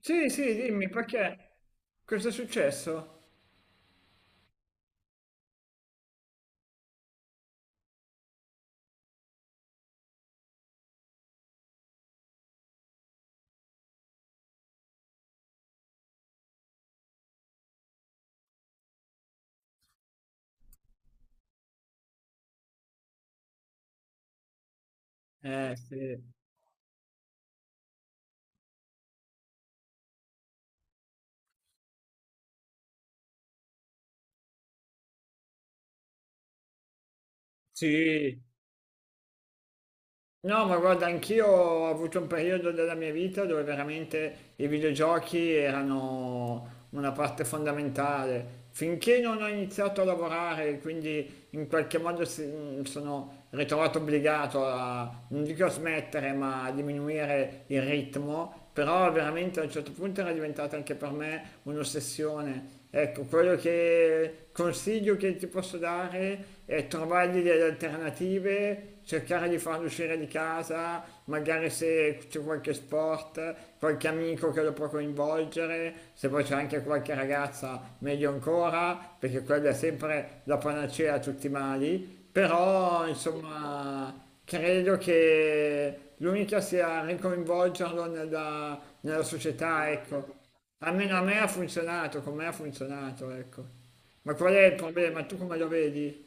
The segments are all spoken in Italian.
Sì, sì, dimmi perché? Cosa è successo? Sì. Sì. No, ma guarda, anch'io ho avuto un periodo della mia vita dove veramente i videogiochi erano una parte fondamentale. Finché non ho iniziato a lavorare, quindi in qualche modo mi sono ritrovato obbligato a, non dico a smettere, ma a diminuire il ritmo, però veramente a un certo punto era diventata anche per me un'ossessione. Ecco, quello che consiglio che ti posso dare è trovargli delle alternative, cercare di farlo uscire di casa, magari se c'è qualche sport, qualche amico che lo può coinvolgere, se poi c'è anche qualche ragazza, meglio ancora, perché quella è sempre la panacea a tutti i mali. Però, insomma, credo che l'unica sia ricoinvolgerlo nella società, ecco. Almeno a me ha funzionato, con me ha funzionato, ecco. Ma qual è il problema? Tu come lo vedi?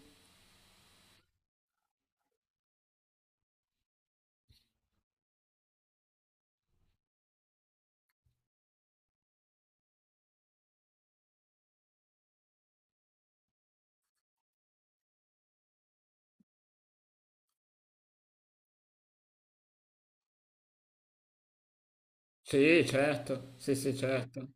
Sì, certo, sì, sì, certo.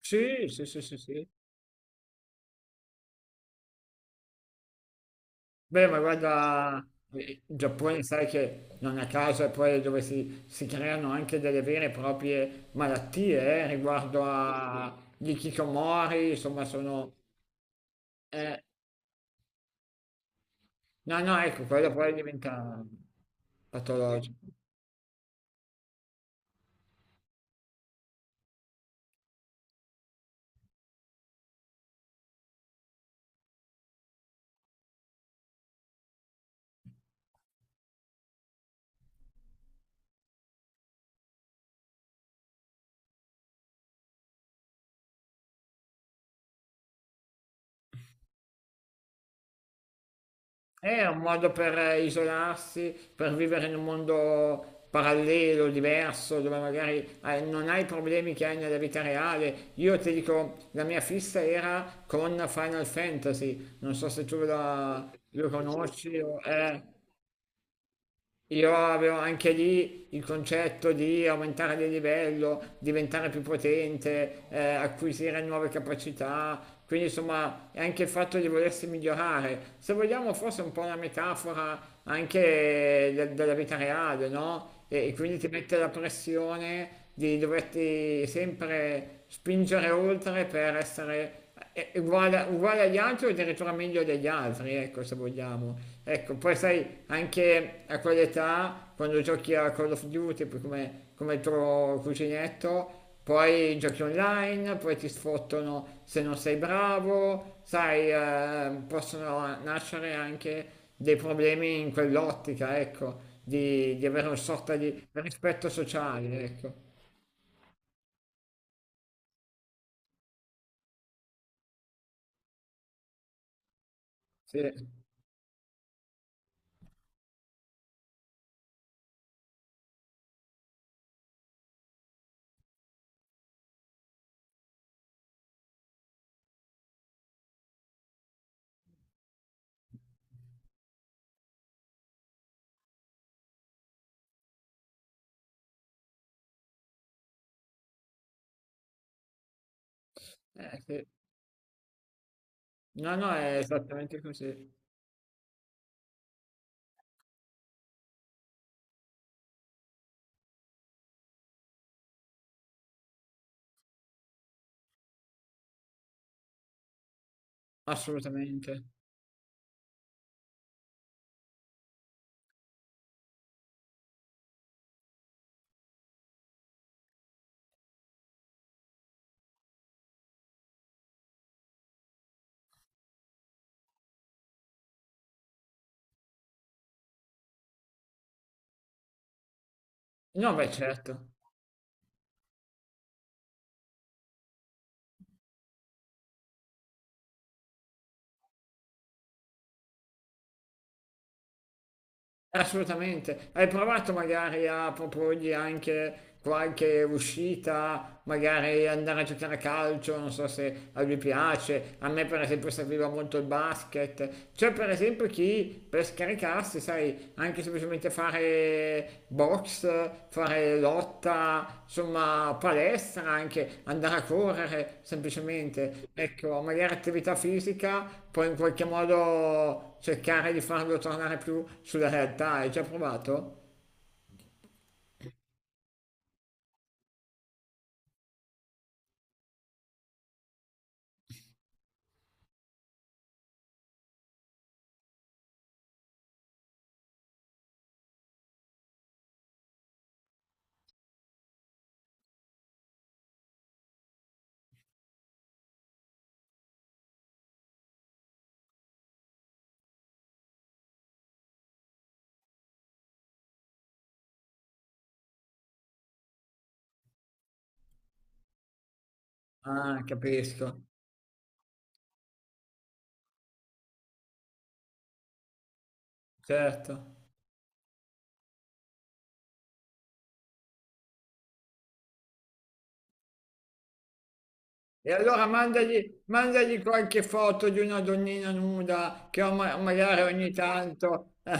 Sì, sì, sì, sì, sì. Beh, ma guarda, il Giappone sai che non a caso è poi dove si creano anche delle vere e proprie malattie, riguardo a gli hikikomori, insomma, sono... eh, no, no, ecco, quello poi diventa patologico. È un modo per isolarsi, per vivere in un mondo parallelo, diverso, dove magari non hai i problemi che hai nella vita reale. Io ti dico, la mia fissa era con Final Fantasy, non so se tu lo Sì. conosci o.... Io avevo anche lì il concetto di aumentare di livello, diventare più potente, acquisire nuove capacità, quindi insomma è anche il fatto di volersi migliorare. Se vogliamo forse un po' una metafora anche della vita reale, no? E quindi ti mette la pressione di doverti sempre spingere oltre per essere è uguale, uguale agli altri o addirittura meglio degli altri, ecco, se vogliamo. Ecco, poi sai, anche a quell'età, quando giochi a Call of Duty, poi come, come il tuo cuginetto, poi giochi online, poi ti sfottono se non sei bravo, sai, possono nascere anche dei problemi in quell'ottica, ecco, di avere una sorta di rispetto sociale, ecco. Sì, sì. No, no, è esattamente così. Assolutamente. No, beh, certo. Assolutamente. Hai provato magari a proporgli anche qualche uscita, magari andare a giocare a calcio, non so se a lui piace. A me, per esempio, serviva molto il basket. C'è, per esempio, chi per scaricarsi, sai, anche semplicemente che fare box, fare lotta, insomma palestra anche, andare a correre semplicemente, ecco, magari attività fisica, poi in qualche modo cercare di farlo tornare più sulla realtà. Hai già provato? Ah, capisco, certo. E allora mandagli, mandagli qualche foto di una donnina nuda che magari ogni tanto,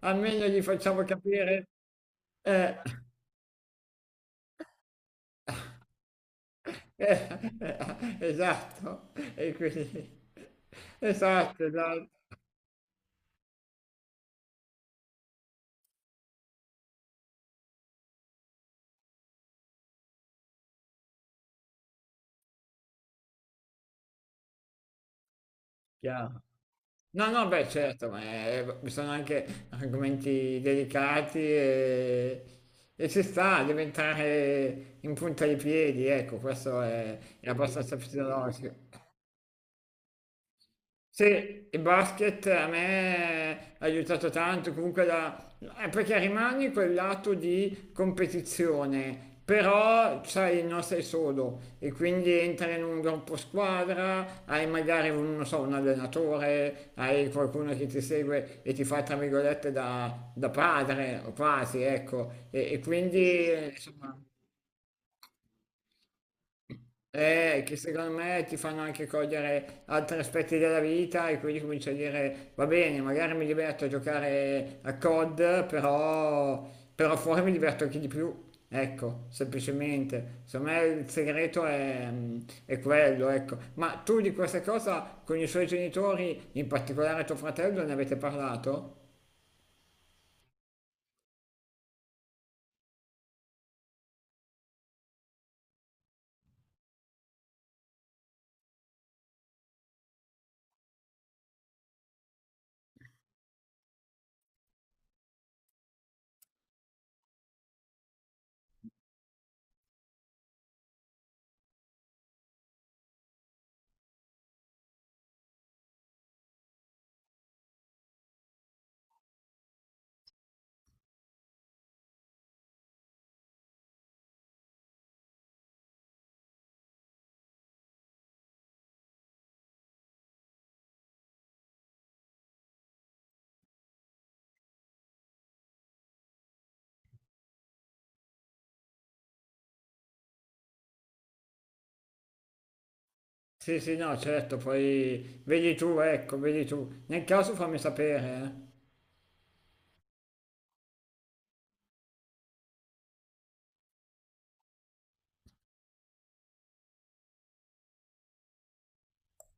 almeno gli facciamo capire. Eh. Esatto, e quindi... Esatto, esatto, chiaro. No, no, beh, certo, ma sono anche argomenti delicati e ci sta a diventare in punta di piedi, ecco, questo è abbastanza fisiologico. Sì, il basket a me ha aiutato tanto, comunque la... perché rimani quel lato di competizione, però sai, non sei solo e quindi entri in un gruppo squadra, hai magari un, non so, un allenatore, hai qualcuno che ti segue e ti fa, tra virgolette, da, da padre, o quasi, ecco, e quindi insomma... che secondo me ti fanno anche cogliere altri aspetti della vita e quindi cominci a dire va bene, magari mi diverto a giocare a COD, però, però fuori mi diverto anche di più. Ecco, semplicemente. Secondo me il segreto è, mm, è quello, ecco. Ma tu di questa cosa con i suoi genitori, in particolare tuo fratello, ne avete parlato? Sì, sì, no, certo, poi vedi tu, ecco, vedi tu. Nel caso fammi sapere, eh.